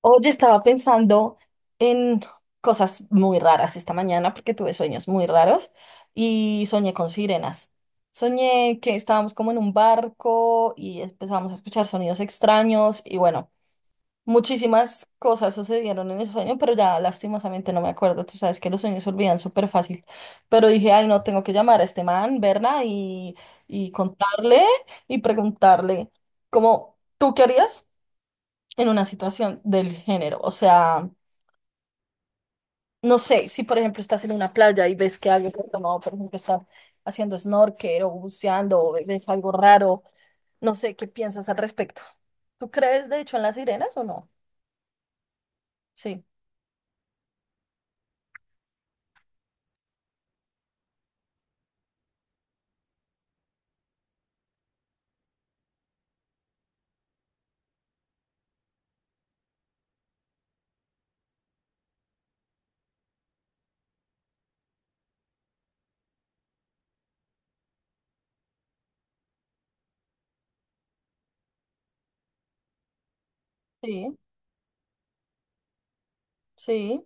Oye, estaba pensando en cosas muy raras esta mañana porque tuve sueños muy raros y soñé con sirenas. Soñé que estábamos como en un barco y empezamos a escuchar sonidos extraños y bueno, muchísimas cosas sucedieron en el sueño, pero ya lastimosamente no me acuerdo. Tú sabes que los sueños se olvidan súper fácil. Pero dije, ay, no, tengo que llamar a este man, verla y contarle y preguntarle, como, ¿tú qué harías? En una situación del género. O sea, no sé, si por ejemplo estás en una playa y ves que alguien que ha tomado, por ejemplo, está haciendo snorkel o buceando o ves algo raro, no sé qué piensas al respecto. ¿Tú crees de hecho en las sirenas o no? Sí, sí, sí.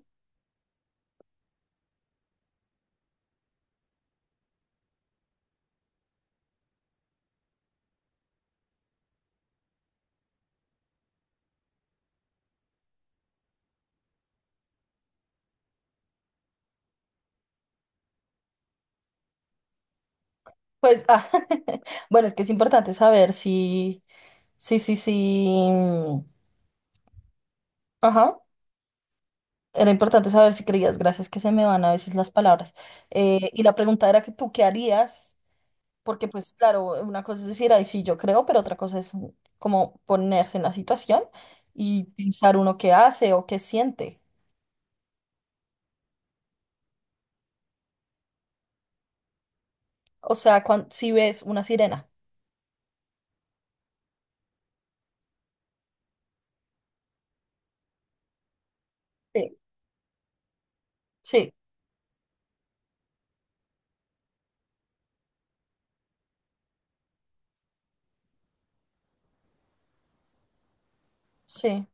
Pues, ah, bueno, es que es importante saber si, sí, sí, sí. Ajá. Era importante saber si creías, gracias que se me van a veces las palabras. Y la pregunta era que tú, ¿qué harías? Porque pues claro, una cosa es decir, ay, sí, yo creo, pero otra cosa es como ponerse en la situación y pensar uno qué hace o qué siente. O sea, si ves una sirena. Sí. Sí, sí,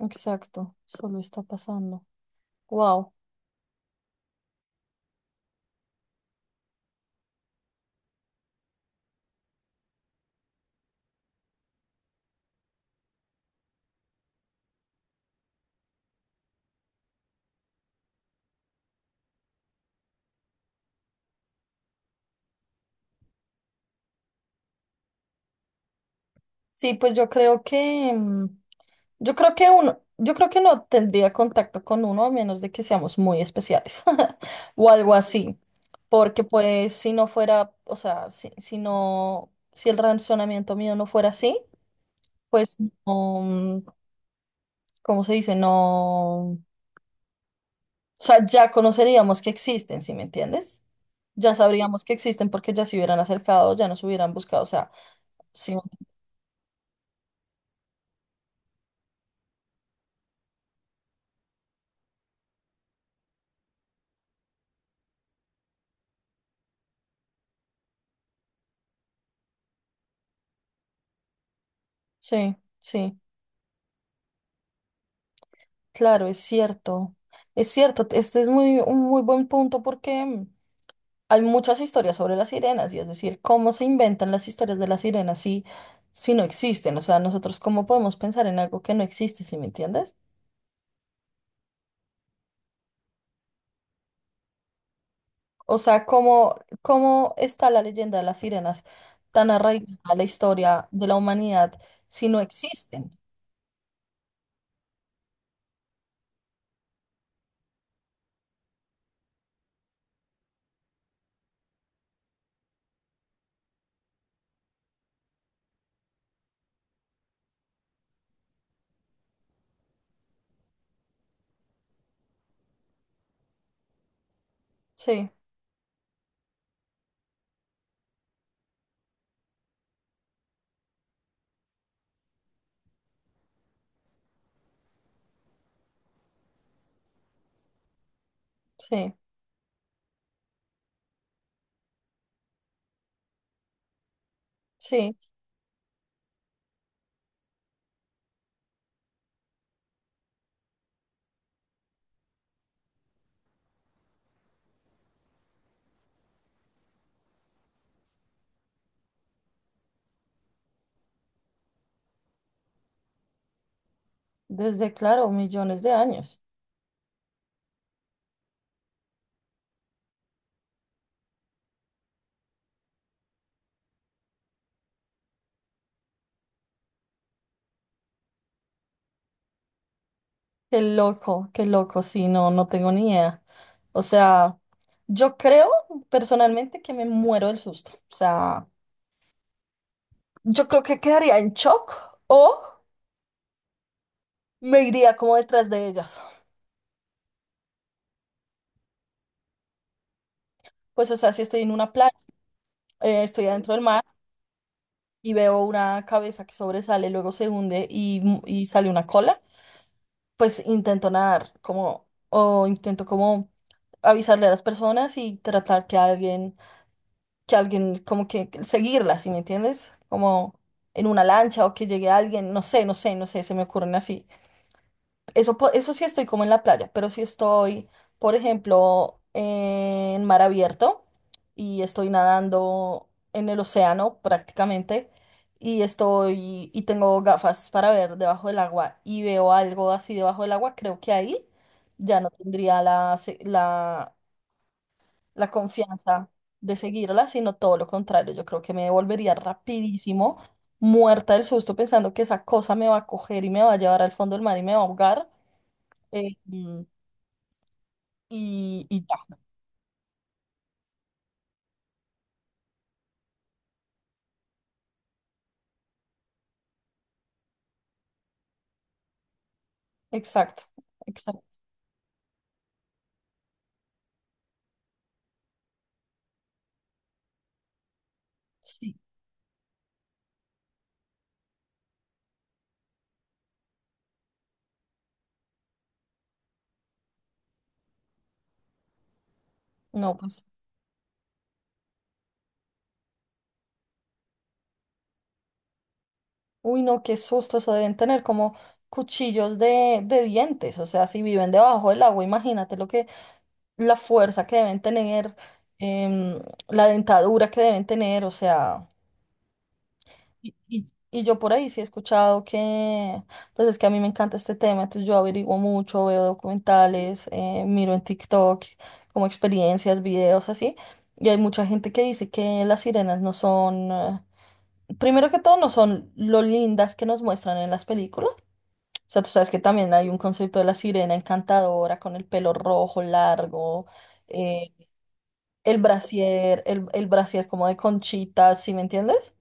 exacto. Solo está pasando. Wow. Sí, pues yo creo que... yo creo que uno, yo creo que no tendría contacto con uno a menos de que seamos muy especiales o algo así, porque pues si no fuera, o sea, si el razonamiento mío no fuera así, pues no, ¿cómo se dice? No, o sea, ya conoceríamos que existen, ¿sí me entiendes? Ya sabríamos que existen porque ya se hubieran acercado, ya nos hubieran buscado, o sea, sí, sí, sí, claro, es cierto, este es muy, un muy buen punto porque hay muchas historias sobre las sirenas, y es decir, cómo se inventan las historias de las sirenas si, si no existen. O sea, nosotros cómo podemos pensar en algo que no existe, ¿sí me entiendes? O sea, cómo, cómo está la leyenda de las sirenas tan arraigada a la historia de la humanidad si no existen. Sí, sí, sí. Desde, claro, millones de años. Qué loco, sí, no, no tengo ni idea. O sea, yo creo personalmente que me muero del susto. O sea, yo creo que quedaría en shock o me iría como detrás de ellas. Pues, o sea, si estoy en una playa, estoy adentro del mar y veo una cabeza que sobresale, luego se hunde y sale una cola, pues intento nadar como, o intento como avisarle a las personas y tratar que alguien como que seguirlas, ¿sí me entiendes? Como en una lancha o que llegue alguien, no sé, no sé, no sé, se me ocurren así. Eso, eso sí estoy como en la playa, pero si estoy, por ejemplo, en mar abierto y estoy nadando en el océano prácticamente y tengo gafas para ver debajo del agua y veo algo así debajo del agua, creo que ahí ya no tendría la confianza de seguirla, sino todo lo contrario. Yo creo que me devolvería rapidísimo, muerta del susto, pensando que esa cosa me va a coger y me va a llevar al fondo del mar y me va a ahogar. Eh, mm, y ya, exacto, exacto, sí. No, pues, uy, no, qué susto, eso deben tener como cuchillos de dientes, o sea, si viven debajo del agua, imagínate lo que, la fuerza que deben tener, em, la dentadura que deben tener, o sea... Y yo por ahí sí he escuchado que, pues es que a mí me encanta este tema, entonces yo averiguo mucho, veo documentales, miro en TikTok como experiencias, videos así, y hay mucha gente que dice que las sirenas no son, primero que todo, no son lo lindas que nos muestran en las películas. O sea, tú sabes que también hay un concepto de la sirena encantadora con el pelo rojo largo, eh, el brasier, el brasier como de conchitas, ¿sí me entiendes?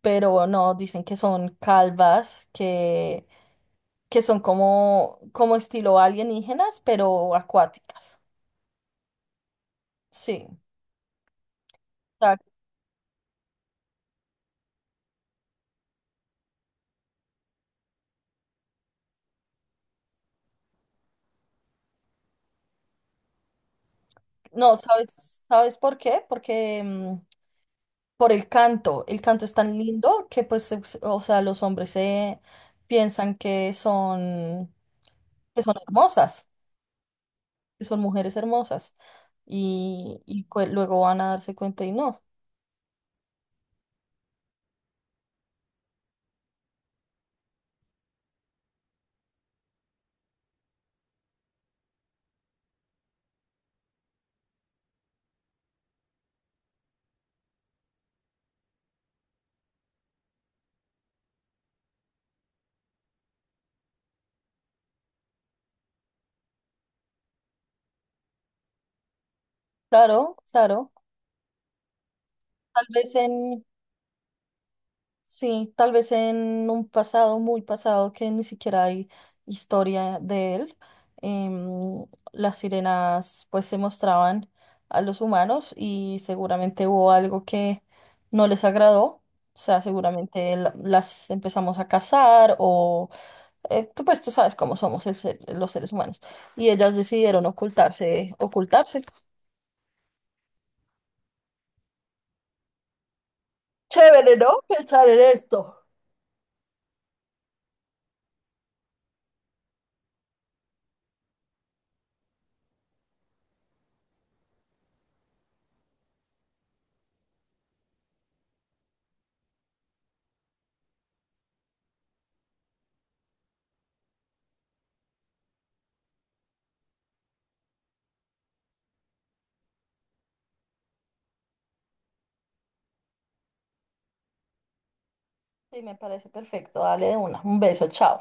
Pero no, dicen que son calvas, que son como, como estilo alienígenas, pero acuáticas. Sí. O sea, no, ¿sabes, sabes por qué? Porque por el canto. El canto es tan lindo que pues, o sea, los hombres se piensan que son hermosas, que son mujeres hermosas. Y luego van a darse cuenta y no. Claro, claro. Tal vez en, sí, tal vez en un pasado muy pasado que ni siquiera hay historia de él, em, las sirenas pues se mostraban a los humanos y seguramente hubo algo que no les agradó. O sea, seguramente las empezamos a cazar o tú pues tú sabes cómo somos los seres humanos y ellas decidieron ocultarse, ocultarse. Chévere, ¿no? Pensar en esto. Sí, me parece perfecto. Dale de una. Un beso, chao.